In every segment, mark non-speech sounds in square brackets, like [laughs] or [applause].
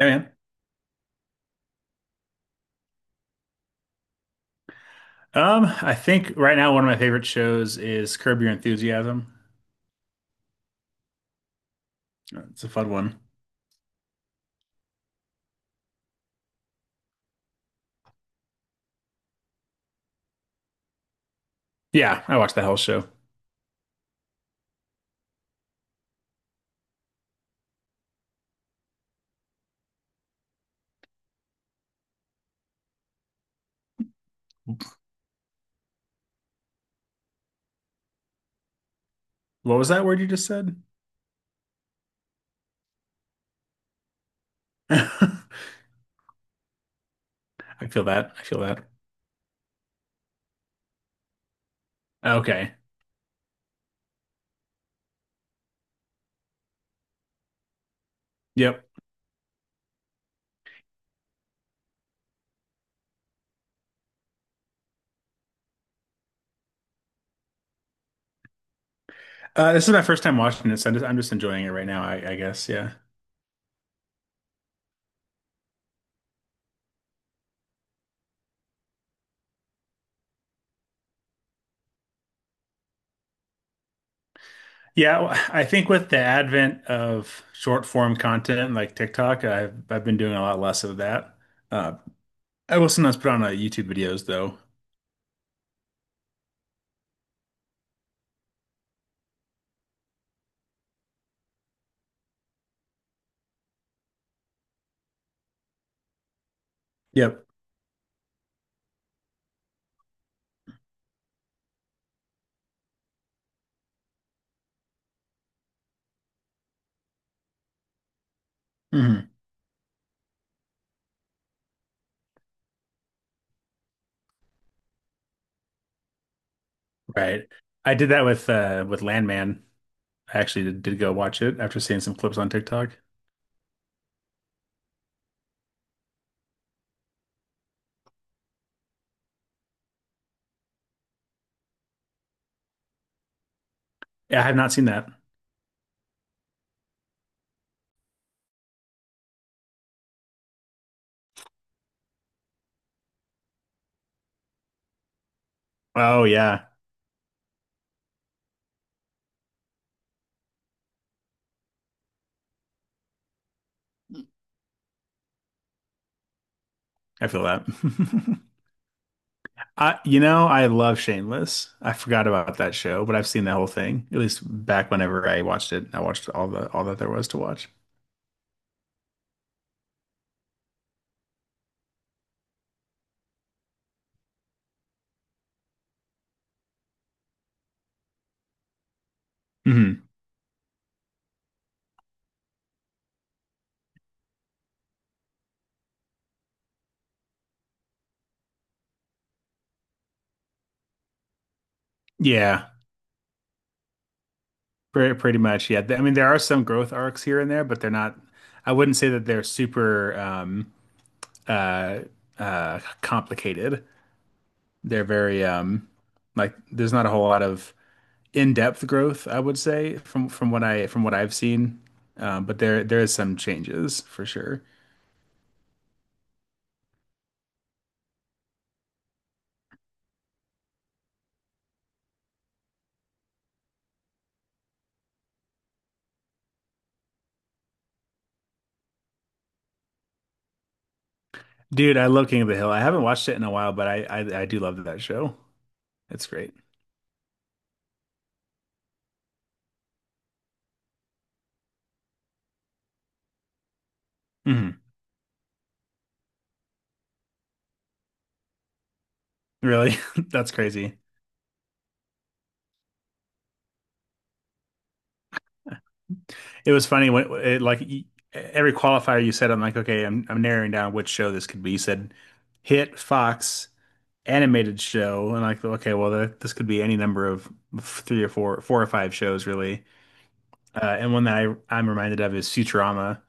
Yeah, man. I think right now one of my favorite shows is Curb Your Enthusiasm. It's a fun one. Yeah, I watched the whole show. What was that word you just said? [laughs] I feel that. I feel that. Okay. Yep. This is my first time watching this. I'm just enjoying it right now, I guess. Yeah. Yeah, well, I think with the advent of short form content like TikTok, I've been doing a lot less of that. Uh, I will sometimes put on YouTube videos though. Yep. hmm Right. I did that with Landman. I actually did go watch it after seeing some clips on TikTok. Yeah, I have not seen that. Oh yeah, I feel that. [laughs] I, you know, I love Shameless. I forgot about that show, but I've seen the whole thing. At least back whenever I watched it, I watched all that there was to watch. Hmm Yeah, pretty much. Yeah, I mean, there are some growth arcs here and there, but they're not. I wouldn't say that they're super uh, complicated. They're very like there's not a whole lot of in-depth growth, I would say, from what I from what I've seen. But there is some changes for sure. Dude, I love King of the Hill. I haven't watched it in a while, but I do love that show. It's great. Hmm Really, [laughs] that's crazy. It was funny when every qualifier you said, I'm like, okay, I'm narrowing down which show this could be. You said hit Fox animated show, and like, okay, well, this could be any number of three or four, four or five shows, really. And one that I'm reminded of is Futurama.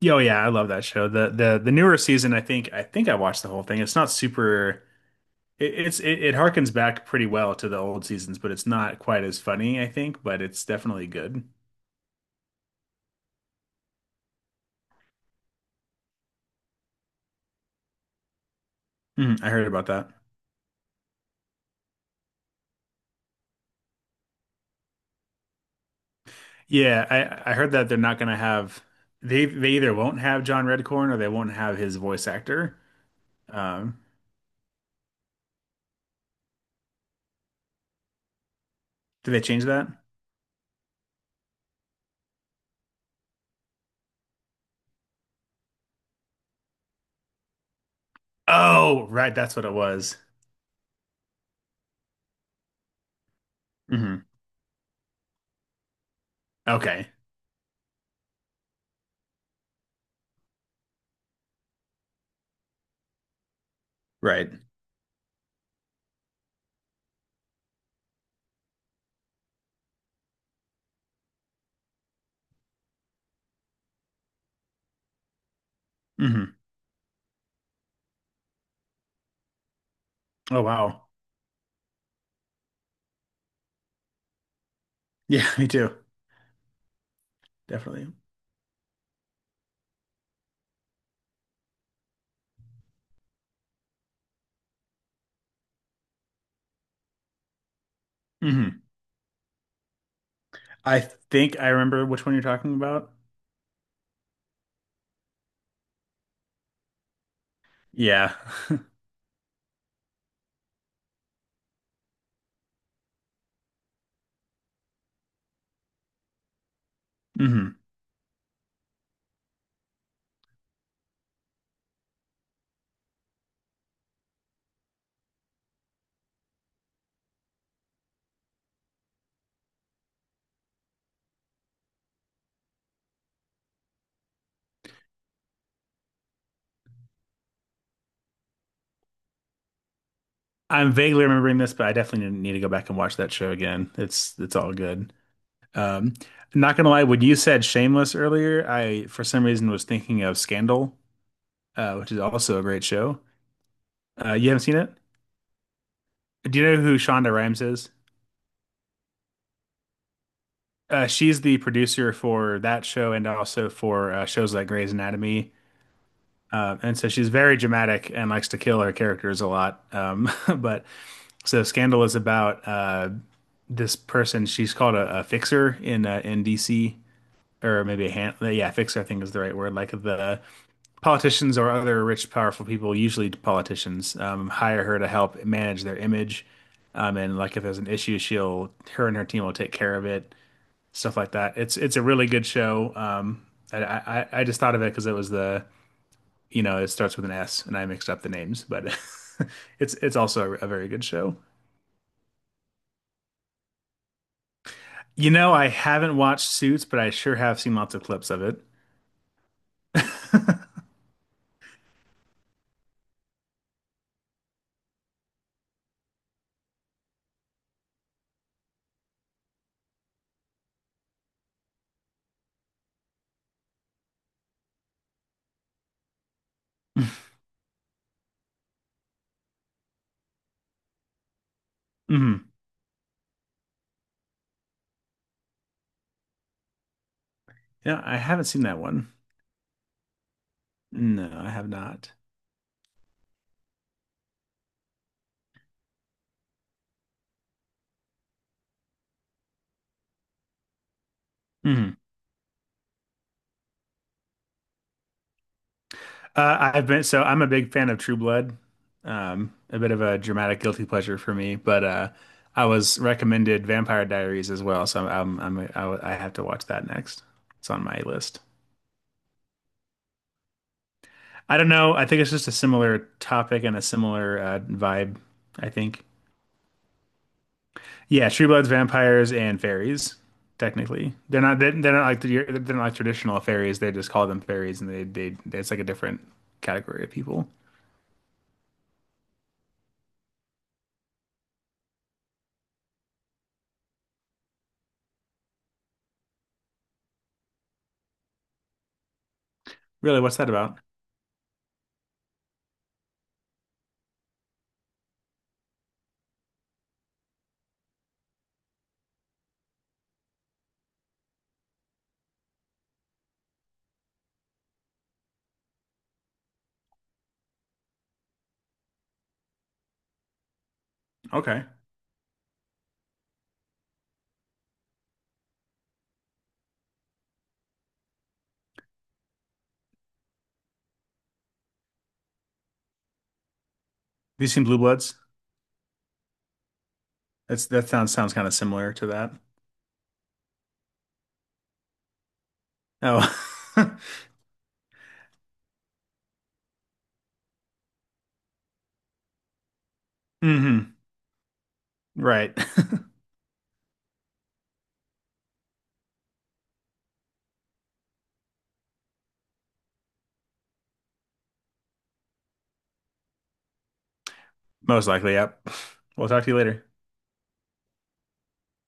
Yeah, oh yeah, I love that show. The newer season, I think I watched the whole thing. It's not super it harkens back pretty well to the old seasons, but it's not quite as funny, I think, but it's definitely good. Mhm, I heard about that. Yeah, I heard that they're not gonna have they either won't have John Redcorn or they won't have his voice actor. Um, did they change that? Oh, right, that's what it was. Hmm Okay, right. hmm Oh wow. Yeah, [laughs] me too. Definitely. Mhm. I think I remember which one you're talking about. Yeah. [laughs] hmm I'm vaguely remembering this, but I definitely need to go back and watch that show again. It's all good. Um, not gonna lie, when you said Shameless earlier, I for some reason was thinking of Scandal, which is also a great show. You haven't seen it? Do you know who Shonda Rhimes is? She's the producer for that show and also for shows like Grey's Anatomy. And so she's very dramatic and likes to kill her characters a lot. [laughs] But so Scandal is about this person. She's called a fixer in DC, or maybe a hand. Yeah, fixer I think is the right word. Like the politicians or other rich, powerful people, usually politicians, hire her to help manage their image. And like if there's an issue, she'll her and her team will take care of it, stuff like that. It's a really good show. I just thought of it because it was the you know it starts with an S, and I mixed up the names, but [laughs] it's also a very good show. You know, I haven't watched Suits, but I sure have seen lots of clips of it. [laughs] hmm Yeah, I haven't seen that one. No, I have not. Hmm I've been so I'm a big fan of True Blood. A bit of a dramatic guilty pleasure for me, but I was recommended Vampire Diaries as well, so I have to watch that next. It's on my list. I don't know. I think it's just a similar topic and a similar vibe, I think. Yeah, Truebloods, vampires, and fairies. Technically, they're not like traditional fairies. They just call them fairies, and they it's like a different category of people. Really, what's that about? Okay, these seem blue bloods. That sounds kind of similar to that. Oh, [laughs] hmm right. [laughs] Most likely, yep. We'll talk to you later.